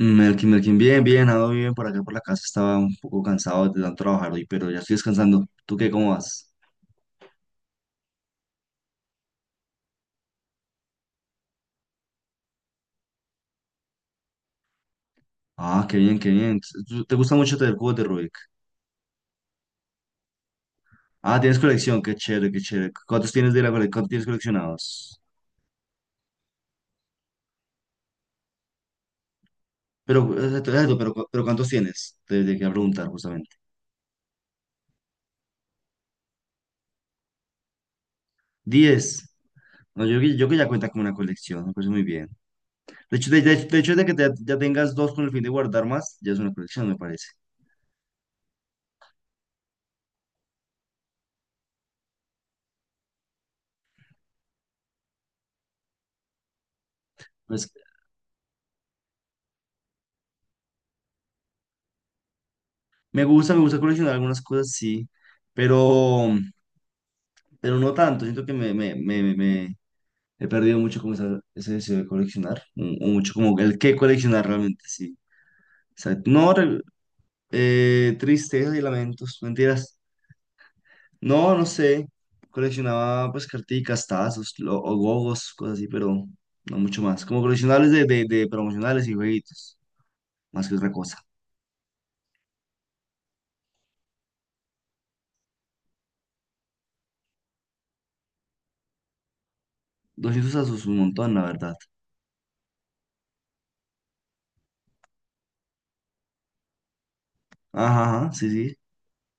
Melkin, Melkin, bien, bien, ando bien por acá por la casa, estaba un poco cansado de tanto trabajar hoy, pero ya estoy descansando. ¿Tú qué, cómo vas? Ah, qué bien, qué bien. ¿Te gusta mucho tener cubos de Rubik? Ah, tienes colección, qué chévere, qué chévere. ¿Cuántos tienes coleccionados? Pero, exacto, exacto, pero ¿cuántos tienes? Te llegué a preguntar justamente. 10. No, yo que ya cuenta con una colección, me parece muy bien. De hecho, de que ya tengas dos con el fin de guardar más, ya es una colección, me parece. Me gusta coleccionar algunas cosas, sí, pero, pero no tanto. Siento que me he perdido mucho como ese deseo de coleccionar, o mucho como el que coleccionar realmente, sí. O sea, no, tristezas y lamentos, mentiras. No, no sé. Coleccionaba pues carticas, tazos, o gogos, cosas así, pero no mucho más. Como coleccionables de promocionales y jueguitos, más que otra cosa. 200 tazos, un montón, la verdad. Ajá, ajá, sí, sí.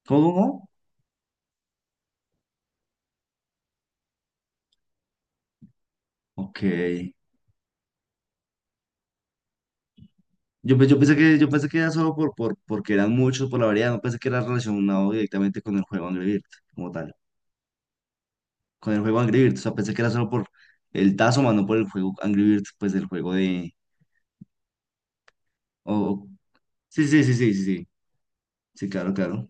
¿Cómo? Ok. Yo pensé que era solo porque eran muchos, por la variedad, no pensé que era relacionado directamente con el juego Angry Birds, como tal. Con el juego Angry Birds, o sea, pensé que era solo por el tazo, más no por el juego Angry Birds, pues del juego de... o- Sí, sí, sí, sí, sí, sí. Sí, claro, claro.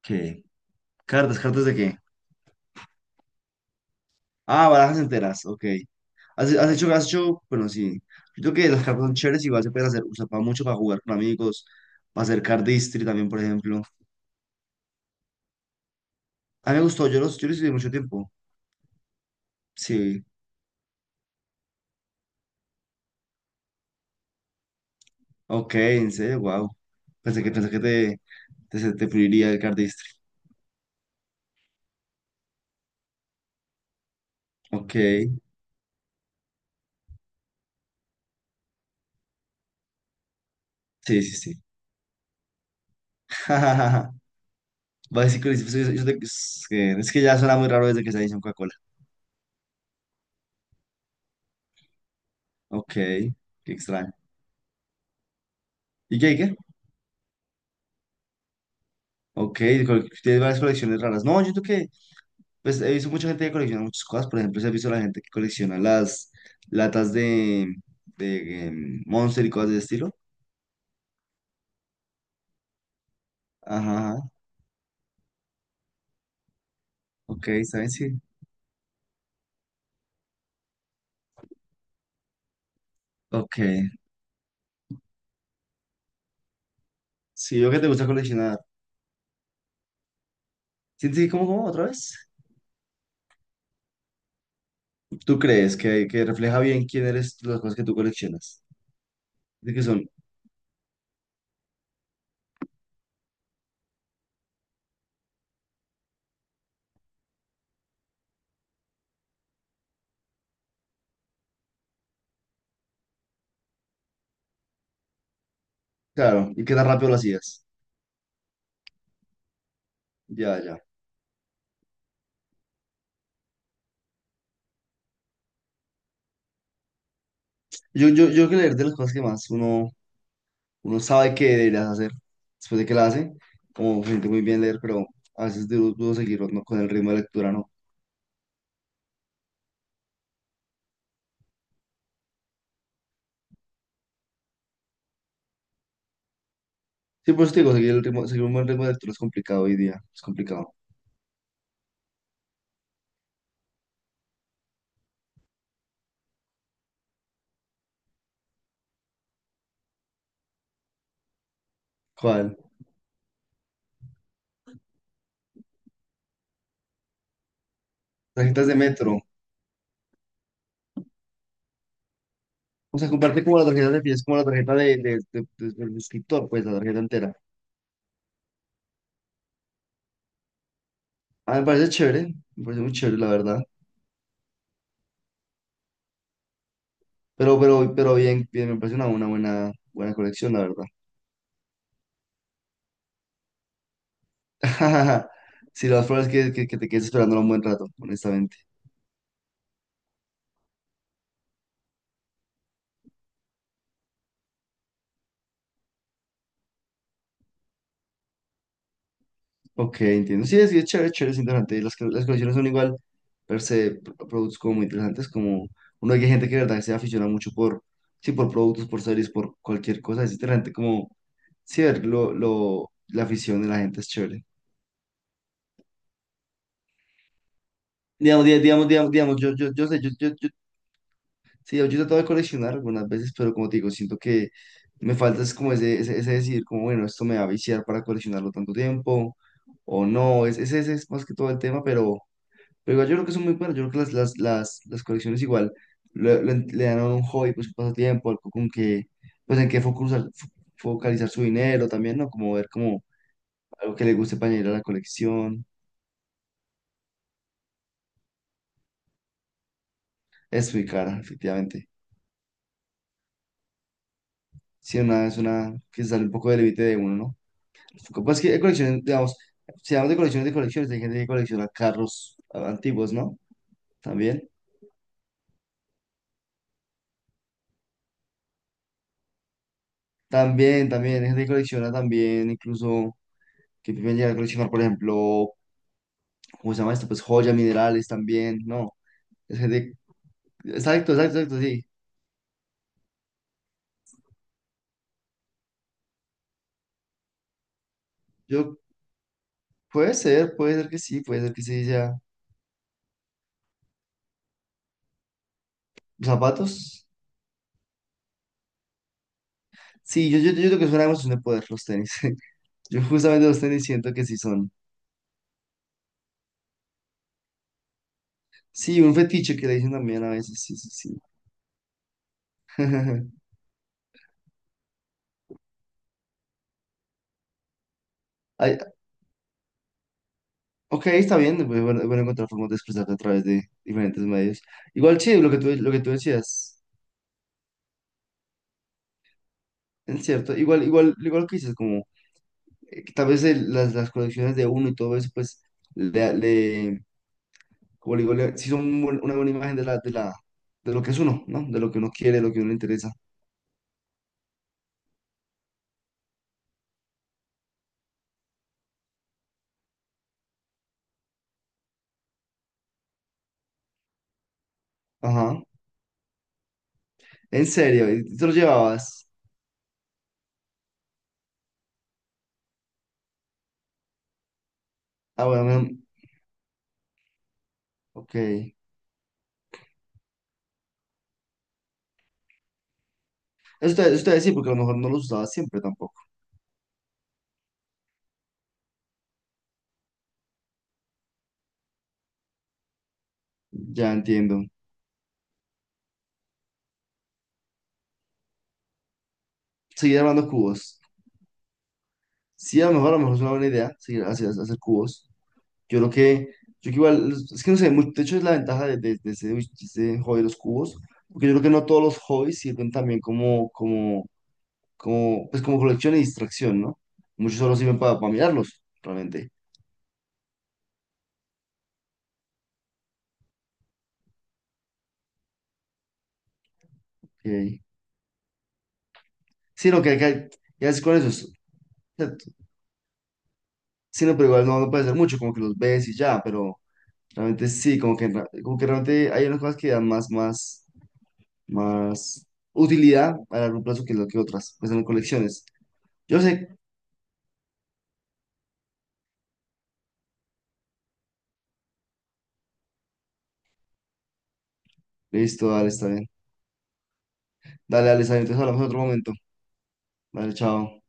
Ok. ¿Cartas? ¿Cartas de qué? Ah, barajas enteras, ok. ¿Has hecho, bueno, sí. Yo creo que las cartas son chéveres, igual se pueden hacer, usar para mucho para jugar con amigos, para hacer card history también, por ejemplo. A mí me gustó, yo los estudié mucho tiempo. Sí, ok, en serio, wow. Pensé que te puliría el cardistry. Ok, sí, sí, sí. Va a decir que es que ya suena muy raro desde que se dice en Coca-Cola. Ok, qué extraño. ¿Y qué, y qué? Ok, tienes varias colecciones raras. No, yo siento que, pues he visto mucha gente que colecciona muchas cosas. Por ejemplo, se ha visto la gente que colecciona las latas de Monster y cosas de ese estilo. Ajá, ajá. Ok, ¿saben? Sí. Ok. Sí, veo que te gusta coleccionar. ¿Sientes que cómo, cómo, otra vez? ¿Tú crees que refleja bien quién eres las cosas que tú coleccionas? ¿De qué son? Claro, y qué tan rápido lo hacías. Ya, ya. Yo creo que leer de las cosas que más uno sabe que deberías hacer después de que la hace, como gente muy bien leer, pero a veces dudo seguir ¿no? con el ritmo de lectura, ¿no? Sí, por eso te digo, seguir, el ritmo, seguir un buen ritmo de lectura es complicado hoy día, es complicado. ¿Cuál? Tarjetas de metro. O sea, comprarte como la tarjeta de pies, como la tarjeta del escritor, pues la tarjeta entera. Ah, me parece chévere, me parece muy chévere, la verdad. Pero bien, bien, me parece una buena, buena colección, la verdad. Si las flores que te quedes esperando un buen rato, honestamente. Ok, entiendo. Sí, es chévere, chévere, es interesante. Las colecciones son igual, per se, productos como muy interesantes, como uno que hay gente que de verdad se aficiona mucho por, sí, por productos, por series, por cualquier cosa. Es interesante como, sí, ver la afición de la gente es chévere. Digamos, yo, yo, yo sé, yo Sí, yo he tratado de coleccionar algunas veces, pero como te digo, siento que me falta es como ese decidir, como bueno, esto me va a viciar para coleccionarlo tanto tiempo o no, ese es más que todo el tema, pero igual yo creo que son muy buenas, yo creo que las colecciones igual le dan a uno un hobby, pues un pasatiempo, algo con que, pues en qué focalizar su dinero también, ¿no? Como ver como algo que le guste para añadir a la colección, es muy cara, efectivamente. Sí, es una que sale un poco del límite de uno, ¿no? Pues que hay colecciones, digamos, si hablamos de colecciones, hay gente que colecciona carros antiguos, ¿no? También. También, también, hay gente que colecciona también, incluso, que pueden llegar a coleccionar, por ejemplo, ¿cómo se llama esto? Pues joyas, minerales también, ¿no? Es gente, exacto, exacto, exacto, sí. Yo, puede ser que sí, puede ser que sí, ya. ¿Los ¿Zapatos? Sí, yo creo que es una emoción de poder, los tenis. Yo justamente los tenis siento que sí son. Sí, un fetiche que le dicen también a veces, sí, sí, sí. Hay, Ok, está bien, bueno, es bueno encontrar formas de expresarte a través de diferentes medios. Igual sí, lo que tú decías, es cierto, igual lo que dices, como que tal vez las colecciones de uno y todo eso, pues, le, le- como le digo, sí son una buena imagen de de lo que es uno, ¿no? De lo que uno quiere, de lo que uno le interesa. Ajá, en serio, ¿Y te los llevabas? Ah, bueno, Ok. Eso te, voy a decir, porque a lo mejor no los usabas siempre tampoco. Ya entiendo. Seguir armando cubos. Sí, a lo mejor es una buena idea seguir hacer cubos. Yo creo que, yo que igual, es que no sé, de hecho es la ventaja de ese hobby de los cubos, porque yo creo que no todos los hobbies sirven también pues como colección y distracción, ¿no? Muchos solo sirven para mirarlos, realmente. Ok. Sí, no, que ya es con eso. Sí, no, pero igual no, no puede ser mucho, como que los ves y ya, pero realmente sí, como que, como que realmente hay unas cosas que dan más utilidad a largo plazo que lo que otras, pues en colecciones. Yo sé, listo, dale, está bien. Dale, dale, está bien. Entonces hablamos en otro momento. Dale, chao.